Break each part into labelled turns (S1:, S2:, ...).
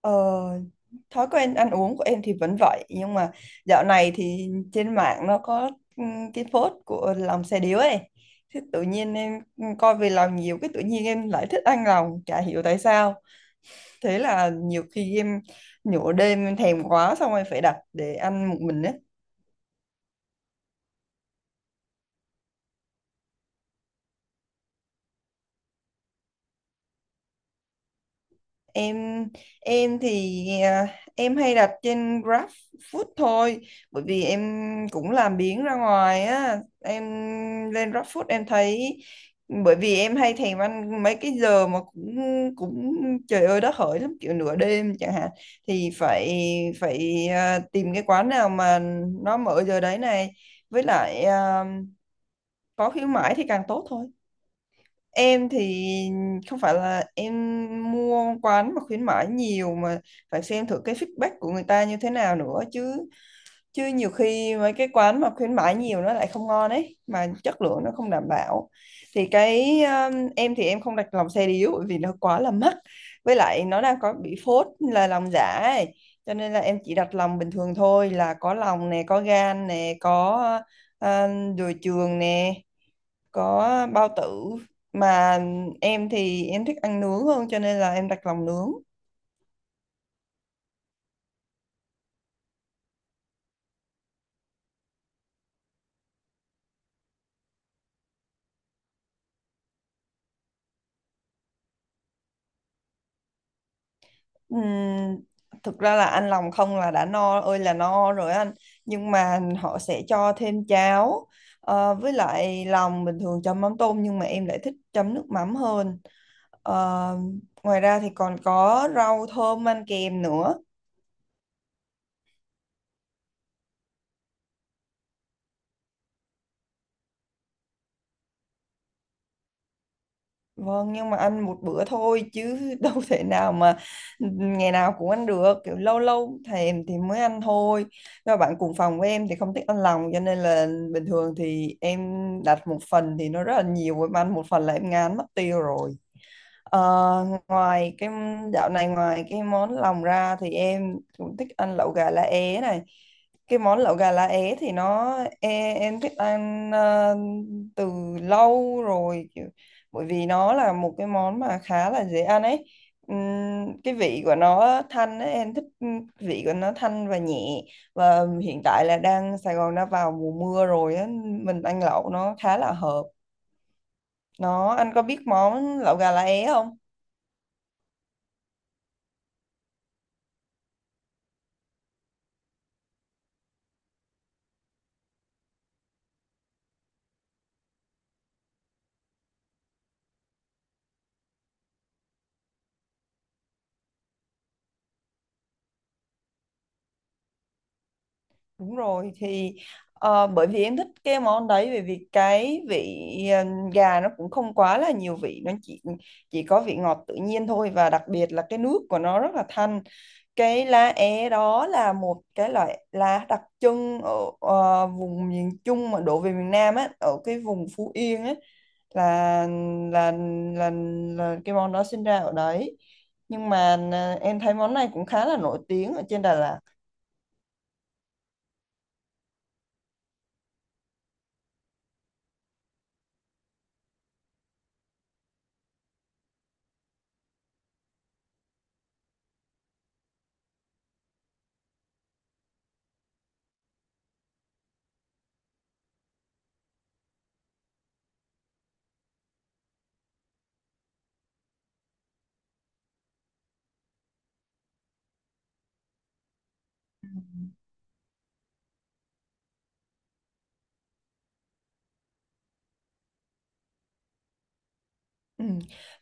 S1: Ờ, Thói quen ăn uống của em thì vẫn vậy, nhưng mà dạo này thì trên mạng nó có cái post của lòng xe điếu ấy. Thế tự nhiên em coi về lòng nhiều, cái tự nhiên em lại thích ăn lòng, chả hiểu tại sao. Thế là nhiều khi em, nửa đêm em thèm quá, xong rồi phải đặt để ăn một mình ấy. Em em thì em hay đặt trên GrabFood thôi, bởi vì em cũng làm biếng ra ngoài á em. Lên GrabFood em thấy, bởi vì em hay thèm ăn mấy cái giờ mà cũng cũng trời ơi đất hỡi lắm, kiểu nửa đêm chẳng hạn, thì phải phải à, tìm cái quán nào mà nó mở giờ đấy này. Với lại có khuyến mãi thì càng tốt thôi. Em thì không phải là em mua quán mà khuyến mãi nhiều, mà phải xem thử cái feedback của người ta như thế nào nữa chứ, chứ nhiều khi mấy cái quán mà khuyến mãi nhiều nó lại không ngon ấy, mà chất lượng nó không đảm bảo. Thì cái em thì em không đặt lòng xe điếu, bởi vì nó quá là mắc, với lại nó đang có bị phốt là lòng giả ấy, cho nên là em chỉ đặt lòng bình thường thôi, là có lòng nè, có gan nè, có uh, đùi trường nè, có bao tử. Mà em thì em thích ăn nướng hơn, cho nên là em đặt lòng nướng. Ừm, Thực ra là ăn lòng không là đã no ơi là no rồi anh, nhưng mà họ sẽ cho thêm cháo. Ờ, với lại lòng bình thường chấm mắm tôm, nhưng mà em lại thích chấm nước mắm hơn. Ờ, Ngoài ra thì còn có rau thơm ăn kèm nữa. Vâng, nhưng mà ăn một bữa thôi chứ đâu thể nào mà ngày nào cũng ăn được, kiểu lâu lâu thèm thì mới ăn thôi. Và bạn cùng phòng của em thì không thích ăn lòng, cho nên là bình thường thì em đặt một phần thì nó rất là nhiều, em ăn một phần là em ngán mất tiêu rồi. Ờ, Ngoài cái, dạo này ngoài cái món lòng ra thì em cũng thích ăn lẩu gà lá é này. Cái món lẩu gà lá é thì nó, em thích ăn từ lâu rồi, kiểu, bởi vì nó là một cái món mà khá là dễ ăn ấy. Cái vị của nó thanh ấy, em thích, vị của nó thanh và nhẹ. Và hiện tại là đang Sài Gòn đã vào mùa mưa rồi á, mình ăn lẩu nó khá là hợp. Nó, anh có biết món lẩu gà lá é không? Đúng rồi thì bởi vì em thích cái món đấy, bởi vì cái vị ờ, gà nó cũng không quá là nhiều vị, nó chỉ có vị ngọt tự nhiên thôi, và đặc biệt là cái nước của nó rất là thanh. Cái lá é đó là một cái loại lá đặc trưng ở vùng miền Trung mà đổ về miền Nam á, ở cái vùng Phú Yên á là là là, là cái món đó sinh ra ở đấy. Nhưng mà em thấy món này cũng khá là nổi tiếng ở trên Đà Lạt. Ừ.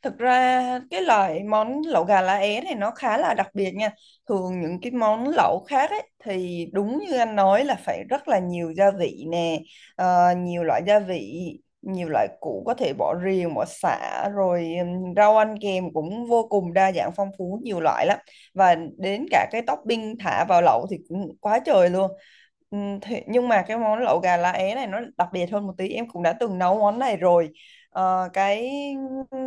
S1: Thực ra cái loại món lẩu gà lá é này nó khá là đặc biệt nha. Thường những cái món lẩu khác ấy, thì đúng như anh nói là phải rất là nhiều gia vị nè, nhiều loại gia vị, nhiều loại củ, có thể bỏ riềng, bỏ sả, rồi rau ăn kèm cũng vô cùng đa dạng phong phú, nhiều loại lắm. Và đến cả cái topping thả vào lẩu thì cũng quá trời luôn. Nhưng mà cái món lẩu gà lá é này nó đặc biệt hơn một tí, em cũng đã từng nấu món này rồi. Ờ, cái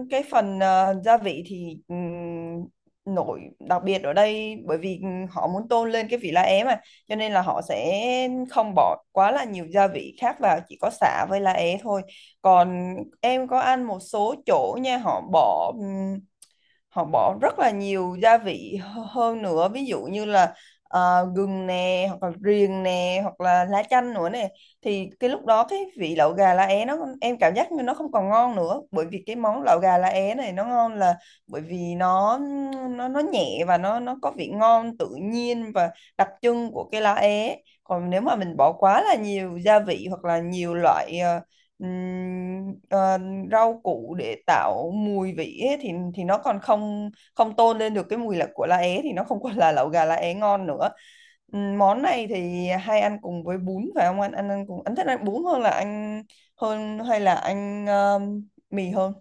S1: cái phần gia vị thì nổi đặc biệt ở đây, bởi vì họ muốn tôn lên cái vị lá é mà, cho nên là họ sẽ không bỏ quá là nhiều gia vị khác vào, chỉ có sả với lá é thôi. Còn em có ăn một số chỗ nha, họ bỏ rất là nhiều gia vị hơn nữa, ví dụ như là gừng nè, hoặc là riềng nè, hoặc là lá chanh nữa nè, thì cái lúc đó cái vị lẩu gà lá é nó, em cảm giác như nó không còn ngon nữa, bởi vì cái món lẩu gà lá é này nó ngon là bởi vì nó nhẹ, và nó có vị ngon tự nhiên và đặc trưng của cái lá é. Còn nếu mà mình bỏ quá là nhiều gia vị, hoặc là nhiều loại ừm, ờ, rau củ để tạo mùi vị ấy, thì nó còn không không tôn lên được cái mùi là của lá é, thì nó không còn là lẩu gà lá é ngon nữa. Món này thì hay ăn cùng với bún phải không anh? Anh ăn cùng, anh thích ăn bún hơn là anh hơn, hay là anh mì hơn?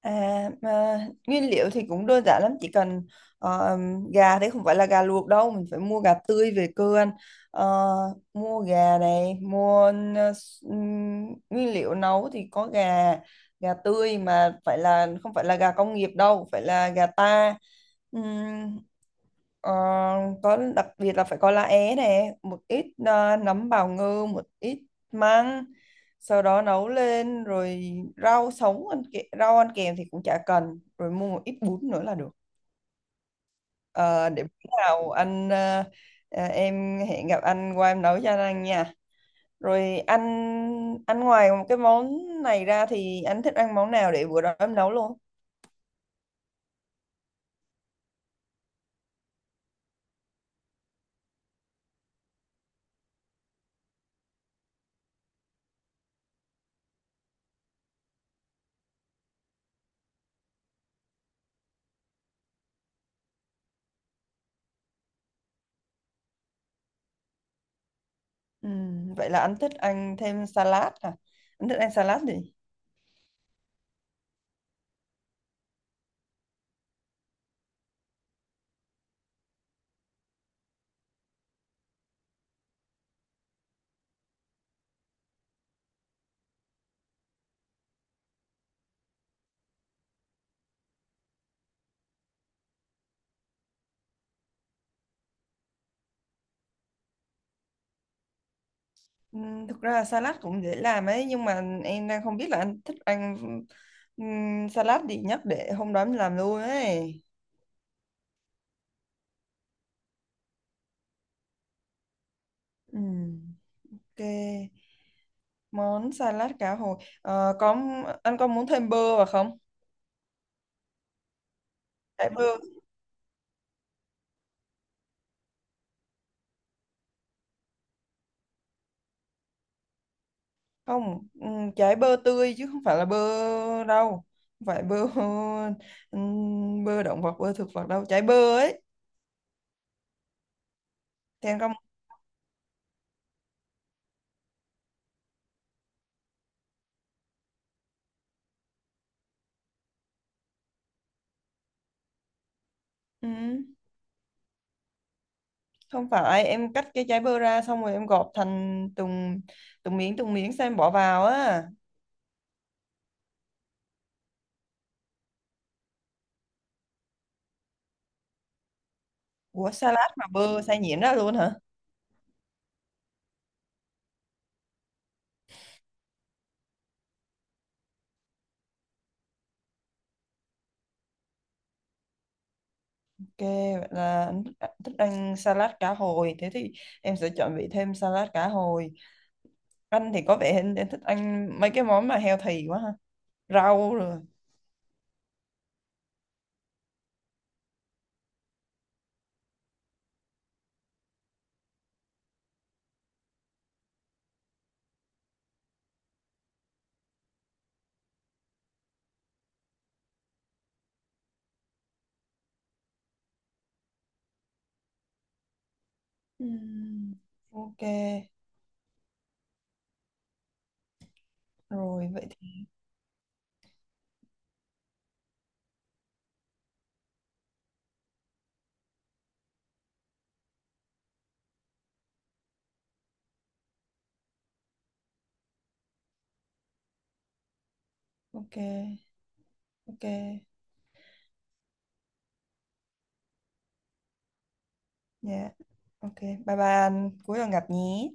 S1: À, mà nguyên liệu thì cũng đơn giản lắm, chỉ cần ờ, gà, thế không phải là gà luộc đâu, mình phải mua gà tươi về cơ anh. Ờ, mua gà này, mua nguyên liệu nấu thì có gà, gà tươi mà phải là, không phải là gà công nghiệp đâu, phải là gà ta. Ừm, ờ, có đặc biệt là phải có lá é này, một ít nấm bào ngư, một ít măng, sau đó nấu lên rồi rau sống ăn kè, rau ăn kèm thì cũng chả cần, rồi mua một ít bún nữa là được. Ờ, để bữa nào em hẹn gặp anh qua em nấu cho anh nha, rồi anh, ăn ngoài một cái món này ra thì anh thích ăn món nào để bữa đó em nấu luôn. Vậy là anh thích ăn thêm salad à? Anh thích ăn salad gì? Thực ra là salad cũng dễ làm ấy, nhưng mà em đang không biết là anh thích ăn salad gì nhất để hôm đó em làm luôn ấy. Ừm, ok. Món salad cá hồi. Ờ, có, anh có muốn thêm bơ vào không? Trái bơ. Không, ừ, trái bơ tươi chứ không phải là bơ đâu. Không phải bơ, ừ, bơ động vật, bơ thực vật đâu, trái bơ ấy. Thì anh có, ừ, không phải, em cắt cái trái bơ ra xong rồi em gọt thành từng từng miếng, từng miếng, xem bỏ vào á. Ủa salad mà bơ xay nhuyễn đó luôn hả? Ok, vậy là anh thích thích ăn salad cá hồi. Thế thì em sẽ chuẩn bị thêm salad cá hồi. Anh thì có vẻ anh thích ăn mấy cái món mà healthy quá ha. Rau rồi. Ừm, Ok. Rồi vậy thì ok. Ok. Dạ. Ok. Bye bye anh. Cuối tuần gặp nhé.